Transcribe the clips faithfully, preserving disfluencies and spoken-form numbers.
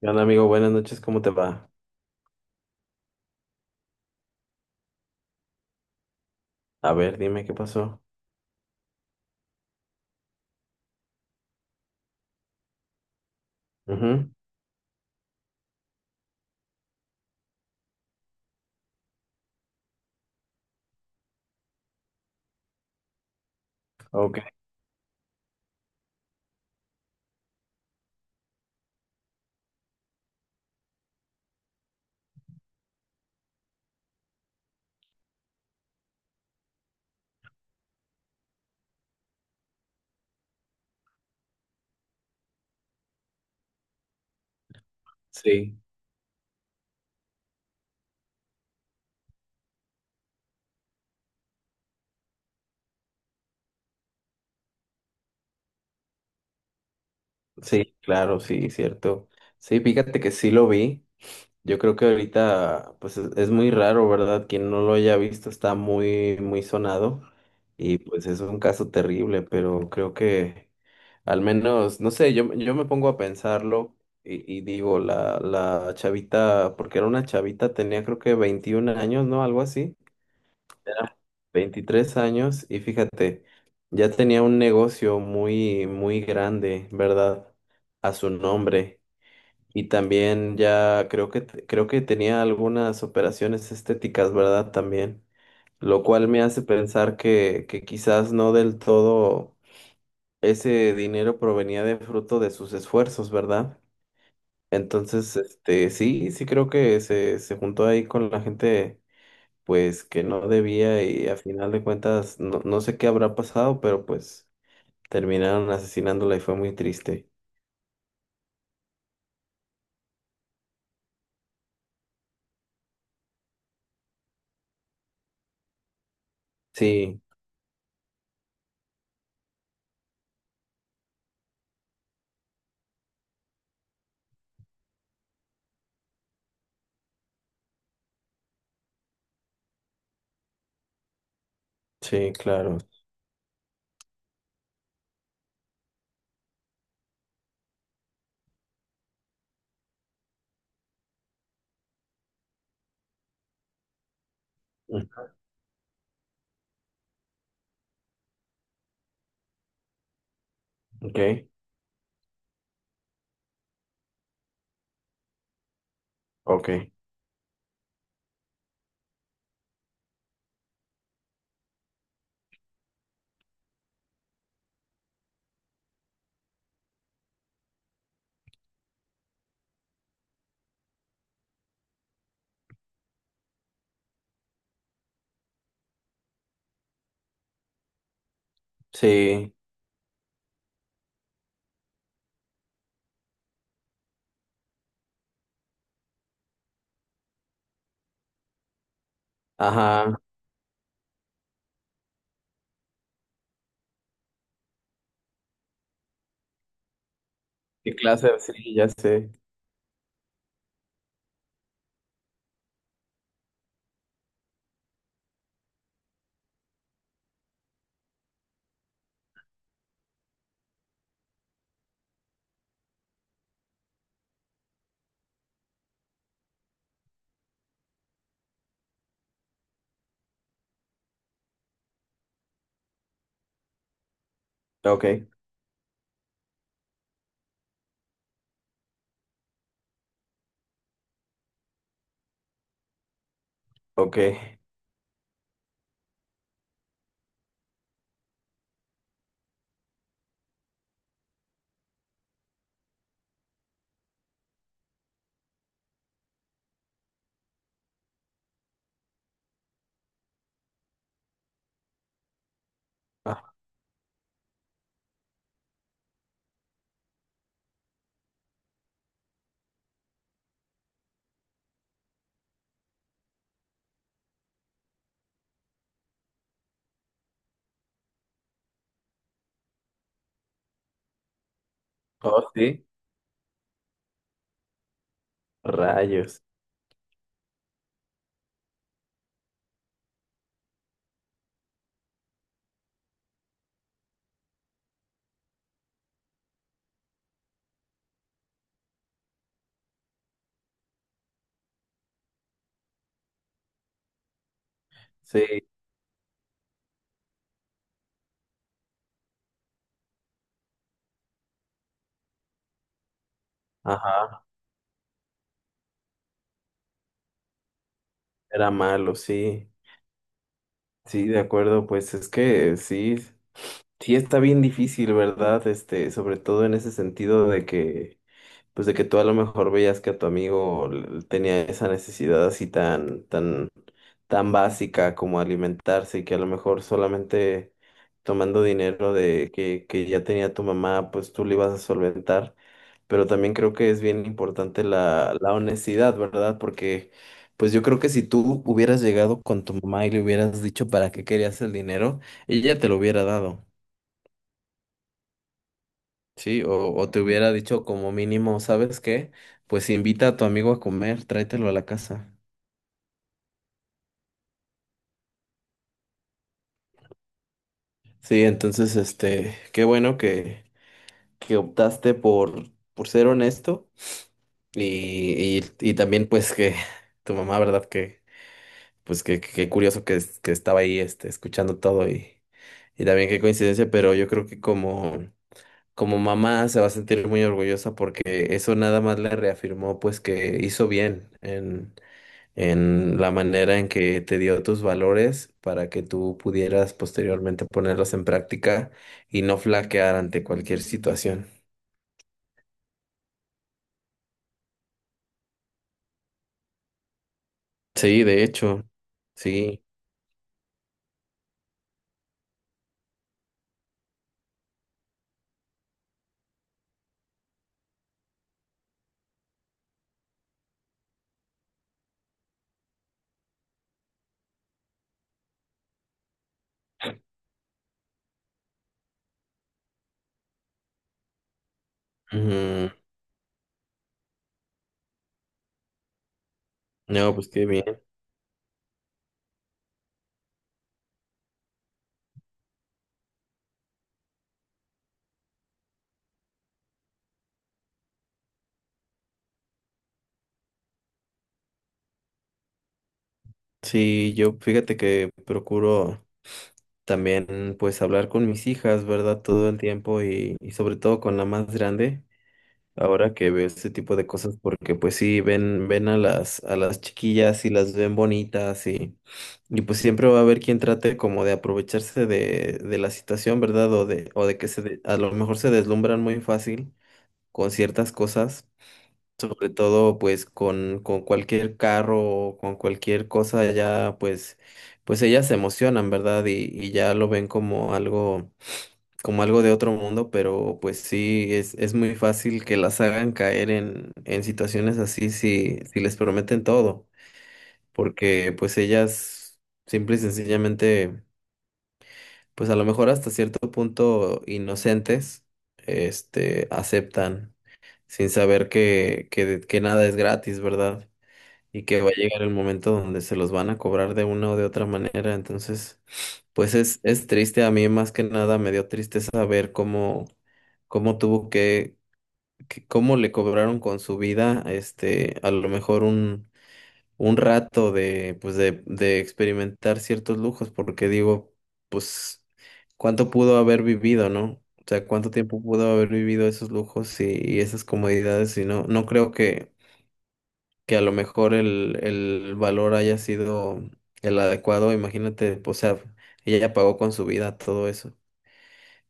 ¿Qué onda, amigo? Buenas noches, ¿cómo te va? A ver, dime qué pasó. Ujú. Ok. Sí, sí, claro, sí, cierto. Sí, fíjate que sí lo vi. Yo creo que ahorita, pues es, es muy raro, ¿verdad? Quien no lo haya visto está muy, muy sonado y pues es un caso terrible, pero creo que al menos, no sé, yo, me- yo me pongo a pensarlo y, y digo, la, la chavita, porque era una chavita, tenía creo que veintiún años, ¿no? Algo así. Veintitrés años y fíjate, ya tenía un negocio muy, muy grande, ¿verdad? A su nombre. Y también ya creo que, te- creo que tenía algunas operaciones estéticas, ¿verdad? También. Lo cual me hace pensar que, que quizás no del todo ese dinero provenía de fruto de sus esfuerzos, ¿verdad? Entonces, este, sí, sí creo que se, se juntó ahí con la gente pues que no debía y a final de cuentas no, no sé qué habrá pasado, pero pues terminaron asesinándola y fue muy triste. Sí, sí, claro. Mm. Ok, ok. Sí, ajá. ¿Qué clase? Sí, ya sé. Ok, ok. Ah, oh, sí. Rayos. Sí, ajá. Era malo, sí. Sí, de acuerdo, pues es que sí, sí está bien difícil, ¿verdad? Este, sobre todo en ese sentido de que pues de que tú a lo mejor veías que a tu amigo le- tenía esa necesidad así tan, tan, tan básica como alimentarse y que a lo mejor solamente tomando dinero de que, que ya tenía tu mamá, pues tú le ibas a solventar. Pero también creo que es bien importante la, la honestidad, ¿verdad? Porque pues yo creo que si tú hubieras llegado con tu mamá y le hubieras dicho para qué querías el dinero, ella te lo hubiera dado. Sí, o, o te hubiera dicho como mínimo, ¿sabes qué? Pues invita a tu amigo a comer, tráetelo a la casa. Sí, entonces, este, qué bueno que, que optaste por, por ser honesto y, y, y también pues que tu mamá, ¿verdad? Que, pues que, que curioso que, es- que estaba ahí, este, escuchando todo y, y también qué coincidencia, pero yo creo que como, como mamá se va a sentir muy orgullosa porque eso nada más le reafirmó pues que hizo bien en la manera en que te dio tus valores para que tú pudieras posteriormente ponerlos en práctica y no flaquear ante cualquier situación. Sí, de hecho, sí. Ujú. No, pues qué bien. Sí, yo fíjate que procuro también pues hablar con mis hijas, ¿verdad? Todo el tiempo y, y sobre todo con la más grande. Ahora que veo este tipo de cosas, porque pues sí, ven, ven a las, a las chiquillas y las ven bonitas y, y pues siempre va a haber quien trate como de aprovecharse de, de la situación, ¿verdad? O de, o de que se de- a lo mejor se deslumbran muy fácil con ciertas cosas, sobre todo pues con, con cualquier carro o con cualquier cosa, ya pues, pues ellas se emocionan, ¿verdad? Y, y ya lo ven como algo como algo de otro mundo, pero pues sí, es, es muy fácil que las hagan caer en, en situaciones así si, si les prometen todo, porque pues ellas simple y sencillamente, pues a lo mejor hasta cierto punto inocentes, este, aceptan sin saber que, que, que nada es gratis, ¿verdad? Y que va a llegar el momento donde se los van a cobrar de una o de otra manera. Entonces, pues es, es triste. A mí más que nada me dio tristeza ver cómo, cómo tuvo que, que- cómo le cobraron con su vida, este, a lo mejor un, un rato de, pues de, de experimentar ciertos lujos, porque digo, pues, ¿cuánto pudo haber vivido, no? O sea, ¿cuánto tiempo pudo haber vivido esos lujos y, y esas comodidades? Y no, no creo que que a lo mejor el, el valor haya sido el adecuado, imagínate, pues, o sea, ella ya pagó con su vida todo eso.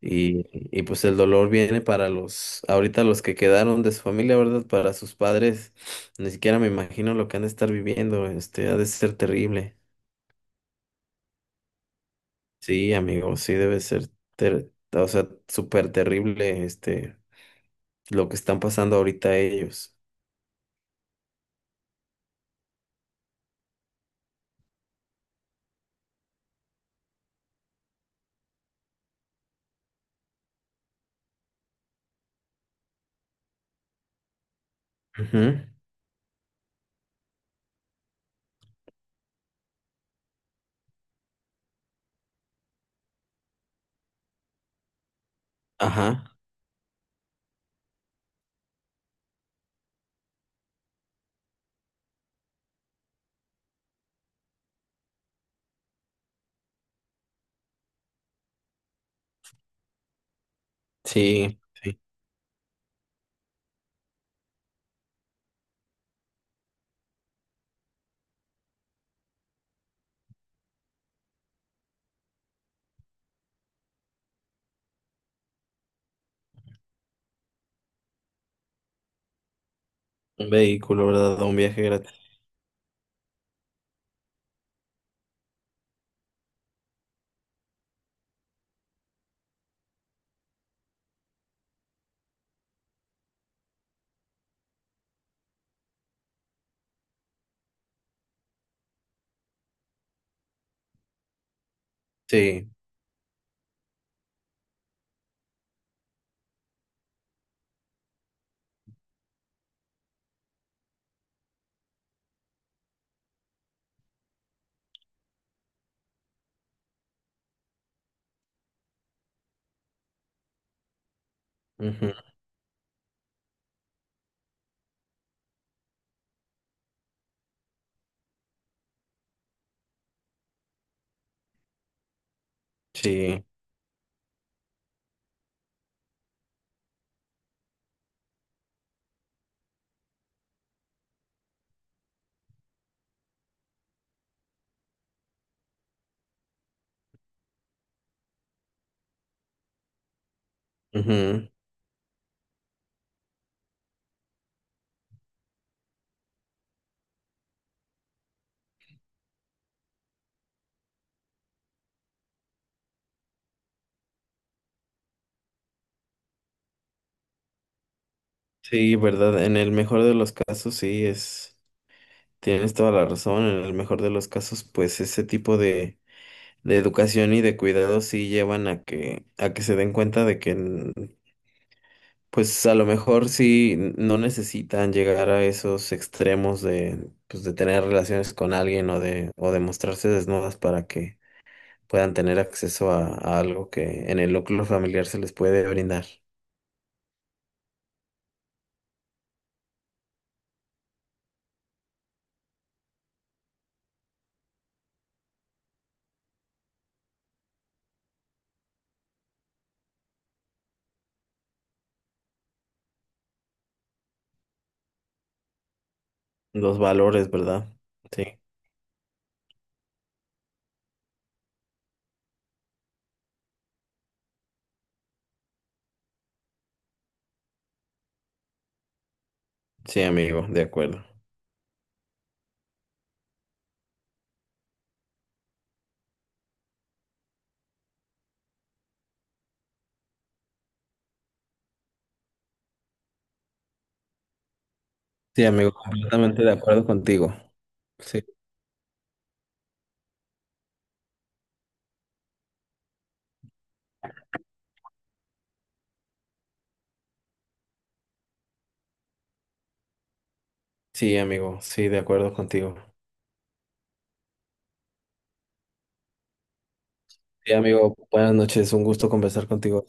Y, y pues el dolor viene para los, ahorita los que quedaron de su familia, ¿verdad? Para sus padres, ni siquiera me imagino lo que han de estar viviendo, este, ha de ser terrible. Sí, amigo, sí debe ser, ter- o sea, súper terrible, este, lo que están pasando ahorita ellos. Ujú. Ajá, sí, sí, un vehículo, ¿verdad? Un viaje gratis. Sí. Ujú. Sí, ujú. Sí, verdad. En el mejor de los casos, sí, es, tienes toda la razón. En el mejor de los casos, pues ese tipo de, de educación y de cuidado sí llevan a que, a que se den cuenta de que, n- pues a lo mejor sí n- no necesitan llegar a esos extremos de, pues de tener relaciones con alguien o de, o de mostrarse desnudas para que puedan tener acceso a, a algo que en el núcleo familiar se les puede brindar. Los valores, ¿verdad? Sí. Sí, amigo, de acuerdo. Sí, amigo, completamente de acuerdo contigo. Sí, sí, amigo, sí, de acuerdo contigo. Sí, amigo, buenas noches, un gusto conversar contigo.